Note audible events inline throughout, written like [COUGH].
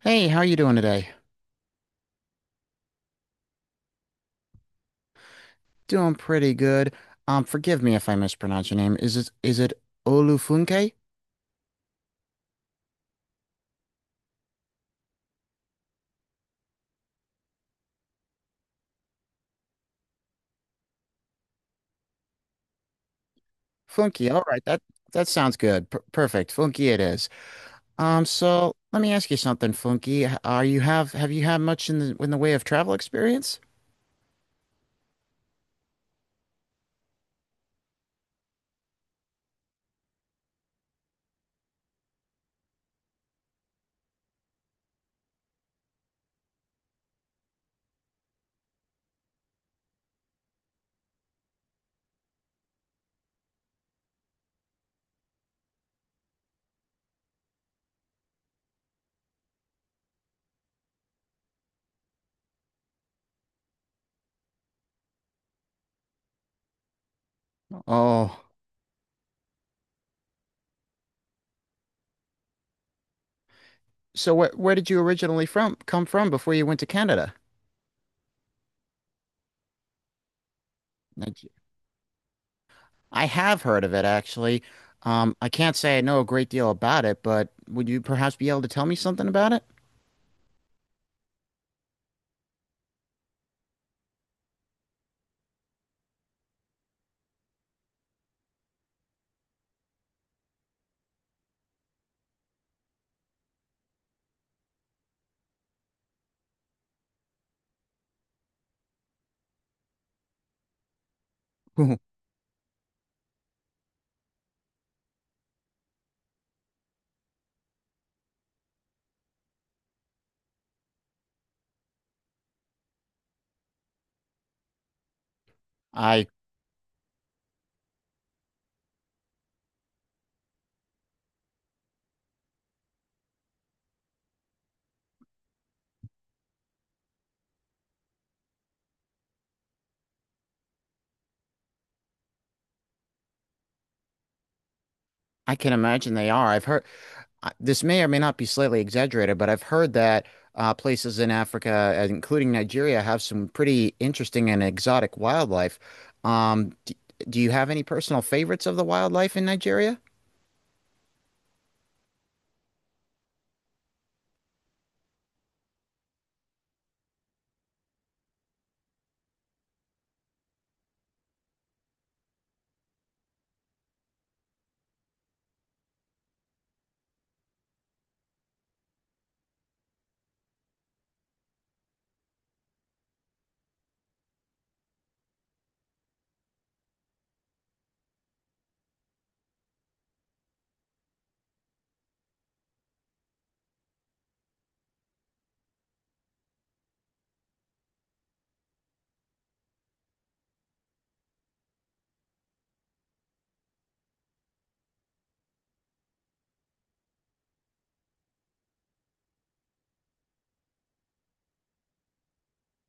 Hey, how are you doing today? Doing pretty good. Forgive me if I mispronounce your name. Is it Olufunke? Funky. All right, that sounds good. Perfect. Funky it is. So let me ask you something, Funky. Are you have you had much in the way of travel experience? Oh, so where did you originally from come from before you went to Canada? Nige- I have heard of it actually. I can't say I know a great deal about it, but would you perhaps be able to tell me something about it? [LAUGHS] I I can imagine they are. I- this may or may not be slightly exaggerated, but I've heard that places in Africa, including Nigeria, have some pretty interesting and exotic wildlife. D Do you have any personal favorites of the wildlife in Nigeria?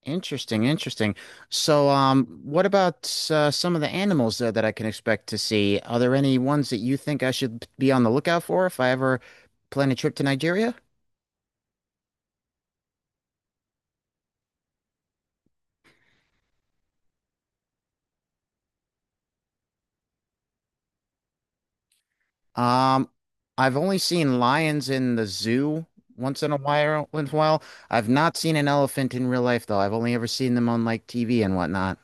Interesting, interesting. So, what about some of the animals there that I can expect to see? Are there any ones that you think I should be on the lookout for if I ever plan a trip to Nigeria? Um, I've only seen lions in the zoo once in a while, once in a while. I've not seen an elephant in real life though. I've only ever seen them on like TV and whatnot.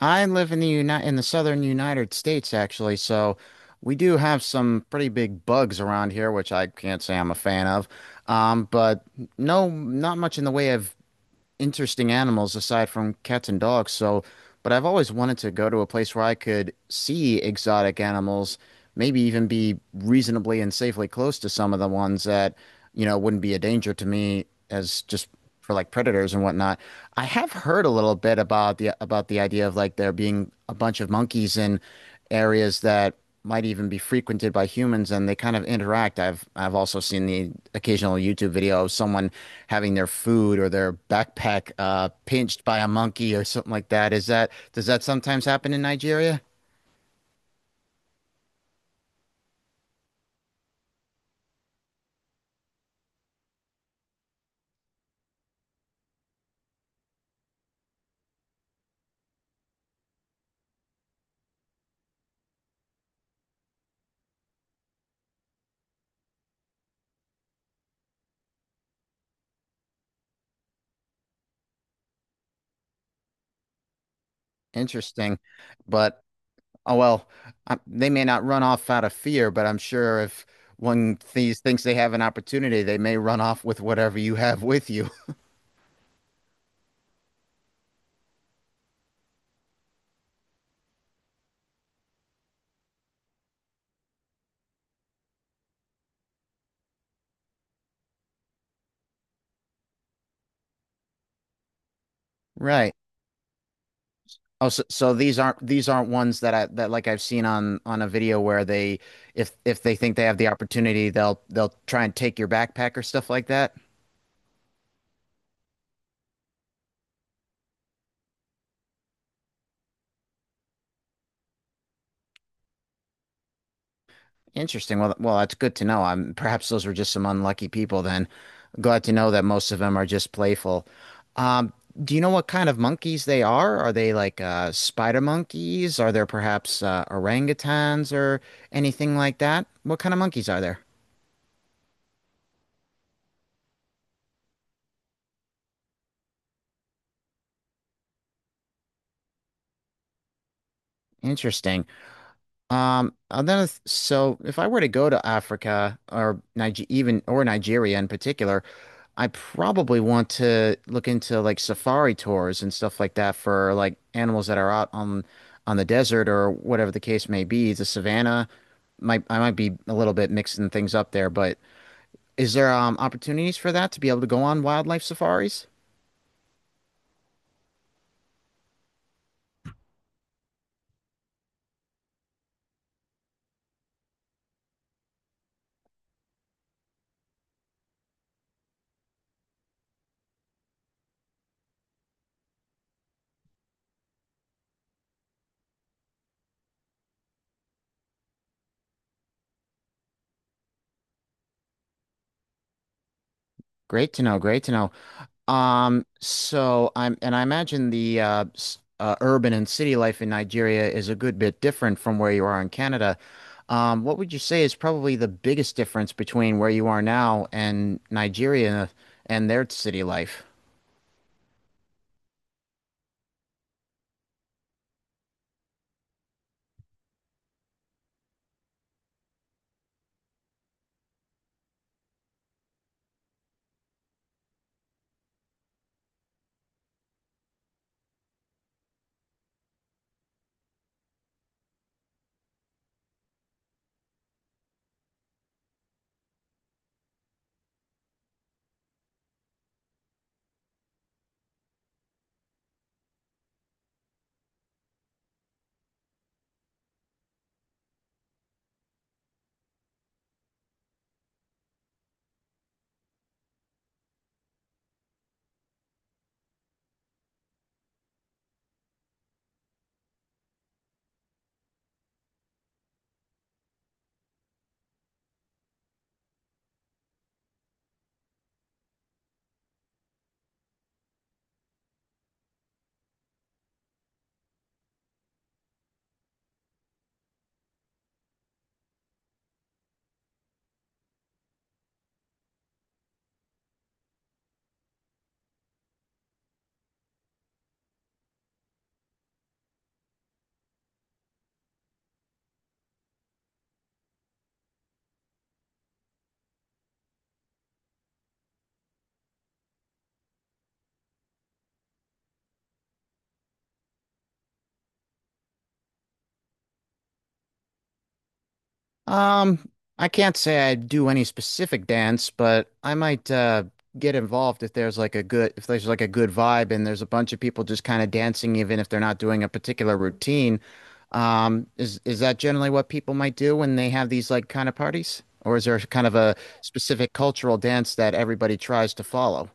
I live in the southern United States actually, so we do have some pretty big bugs around here, which I can't say I'm a fan of. But no, not much in the way of interesting animals aside from cats and dogs. So, but I've always wanted to go to a place where I could see exotic animals, maybe even be reasonably and safely close to some of the ones that, you know, wouldn't be a danger to me as just for like predators and whatnot. I have heard a little bit about the idea of like there being a bunch of monkeys in areas that might even be frequented by humans and they kind of interact. I've also seen the occasional YouTube video of someone having their food or their backpack pinched by a monkey or something like that. Is that Does that sometimes happen in Nigeria? Interesting, but oh well, they may not run off out of fear, but I'm sure if one these thinks they have an opportunity, they may run off with whatever you have with you. [LAUGHS] Right. Oh, so, so these aren't ones that I that like I've seen on a video where they if they think they have the opportunity, they'll try and take your backpack or stuff like that. Interesting. Well, well, that's good to know. I'm perhaps those were just some unlucky people then. Glad to know that most of them are just playful. Um, do you know what kind of monkeys they are? Are they like spider monkeys? Are there perhaps orangutans or anything like that? What kind of monkeys are there? Interesting. And then so if I were to go to Africa or Niger even or Nigeria in particular. I probably want to look into like safari tours and stuff like that for like animals that are out on the desert or whatever the case may be. The savannah might I might be a little bit mixing things up there, but is there opportunities for that to be able to go on wildlife safaris? Great to know, great to know. And I imagine the urban and city life in Nigeria is a good bit different from where you are in Canada. What would you say is probably the biggest difference between where you are now and Nigeria and their city life? Um, I can't say I do any specific dance, but I might get involved if there's like a good if there's like a good vibe and there's a bunch of people just kind of dancing even if they're not doing a particular routine. Is that generally what people might do when they have these like kind of parties? Or is there kind of a specific cultural dance that everybody tries to follow?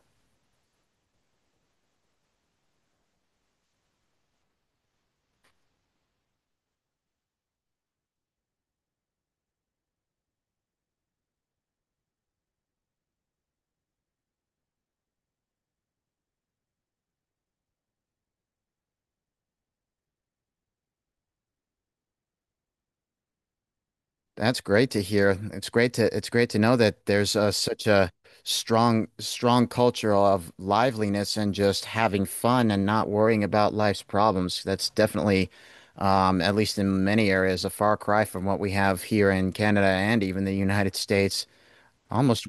That's great to hear. It's great to know that there's such a strong culture of liveliness and just having fun and not worrying about life's problems. That's definitely, at least in many areas, a far cry from what we have here in Canada and even the United States. Almost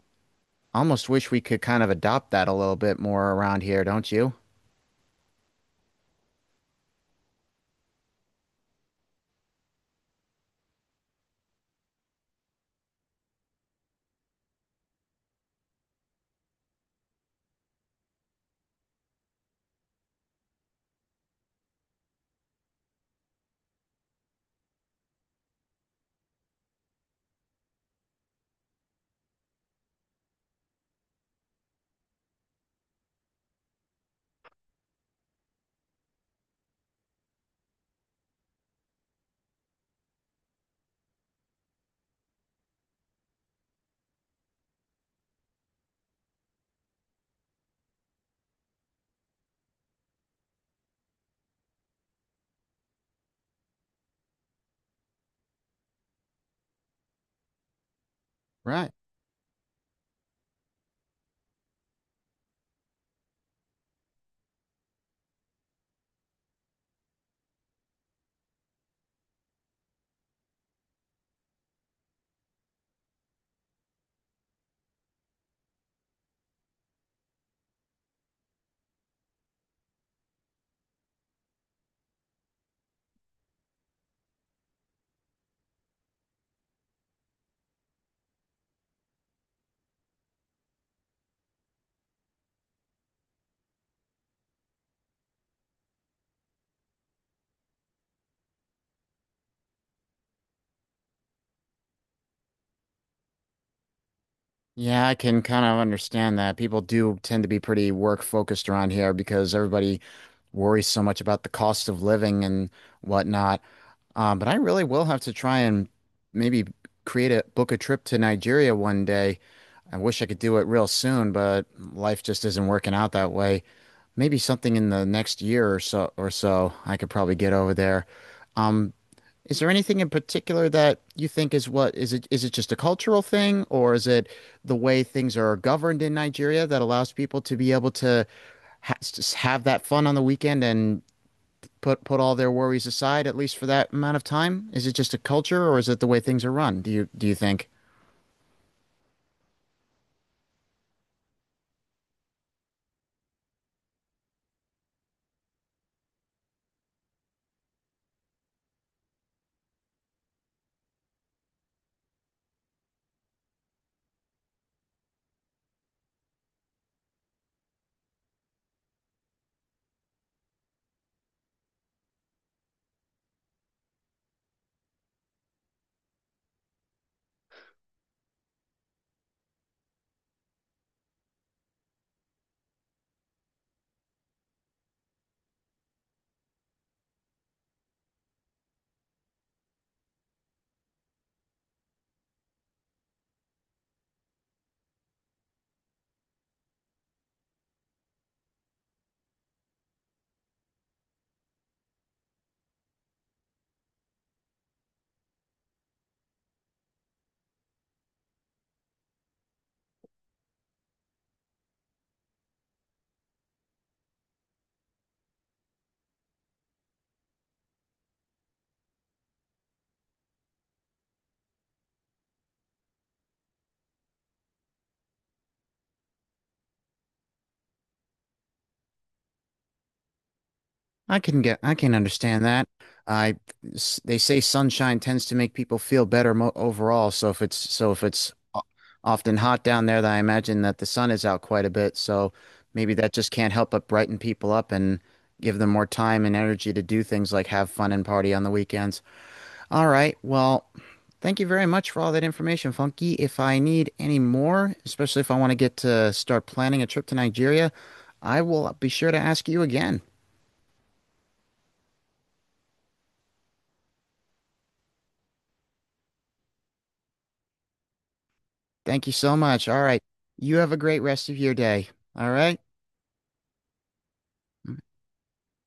Almost wish we could kind of adopt that a little bit more around here, don't you? Right. Yeah, I can kind of understand that. People do tend to be pretty work focused around here because everybody worries so much about the cost of living and whatnot. But I really will have to try and maybe create a book a trip to Nigeria one day. I wish I could do it real soon, but life just isn't working out that way. Maybe something in the next year or so I could probably get over there. Um, Is there anything in particular that you think is it just a cultural thing or is it the way things are governed in Nigeria that allows people to be able to ha just have that fun on the weekend and put all their worries aside at least for that amount of time? Is it just a culture or is it the way things are run? Do you think? I can understand that. I, they say sunshine tends to make people feel better mo overall. So if it's often hot down there, then I imagine that the sun is out quite a bit. So maybe that just can't help but brighten people up and give them more time and energy to do things like have fun and party on the weekends. All right. Well, thank you very much for all that information, Funky. If I need any more, especially if I want to get to start planning a trip to Nigeria, I will be sure to ask you again. Thank you so much. All right. You have a great rest of your day. All right.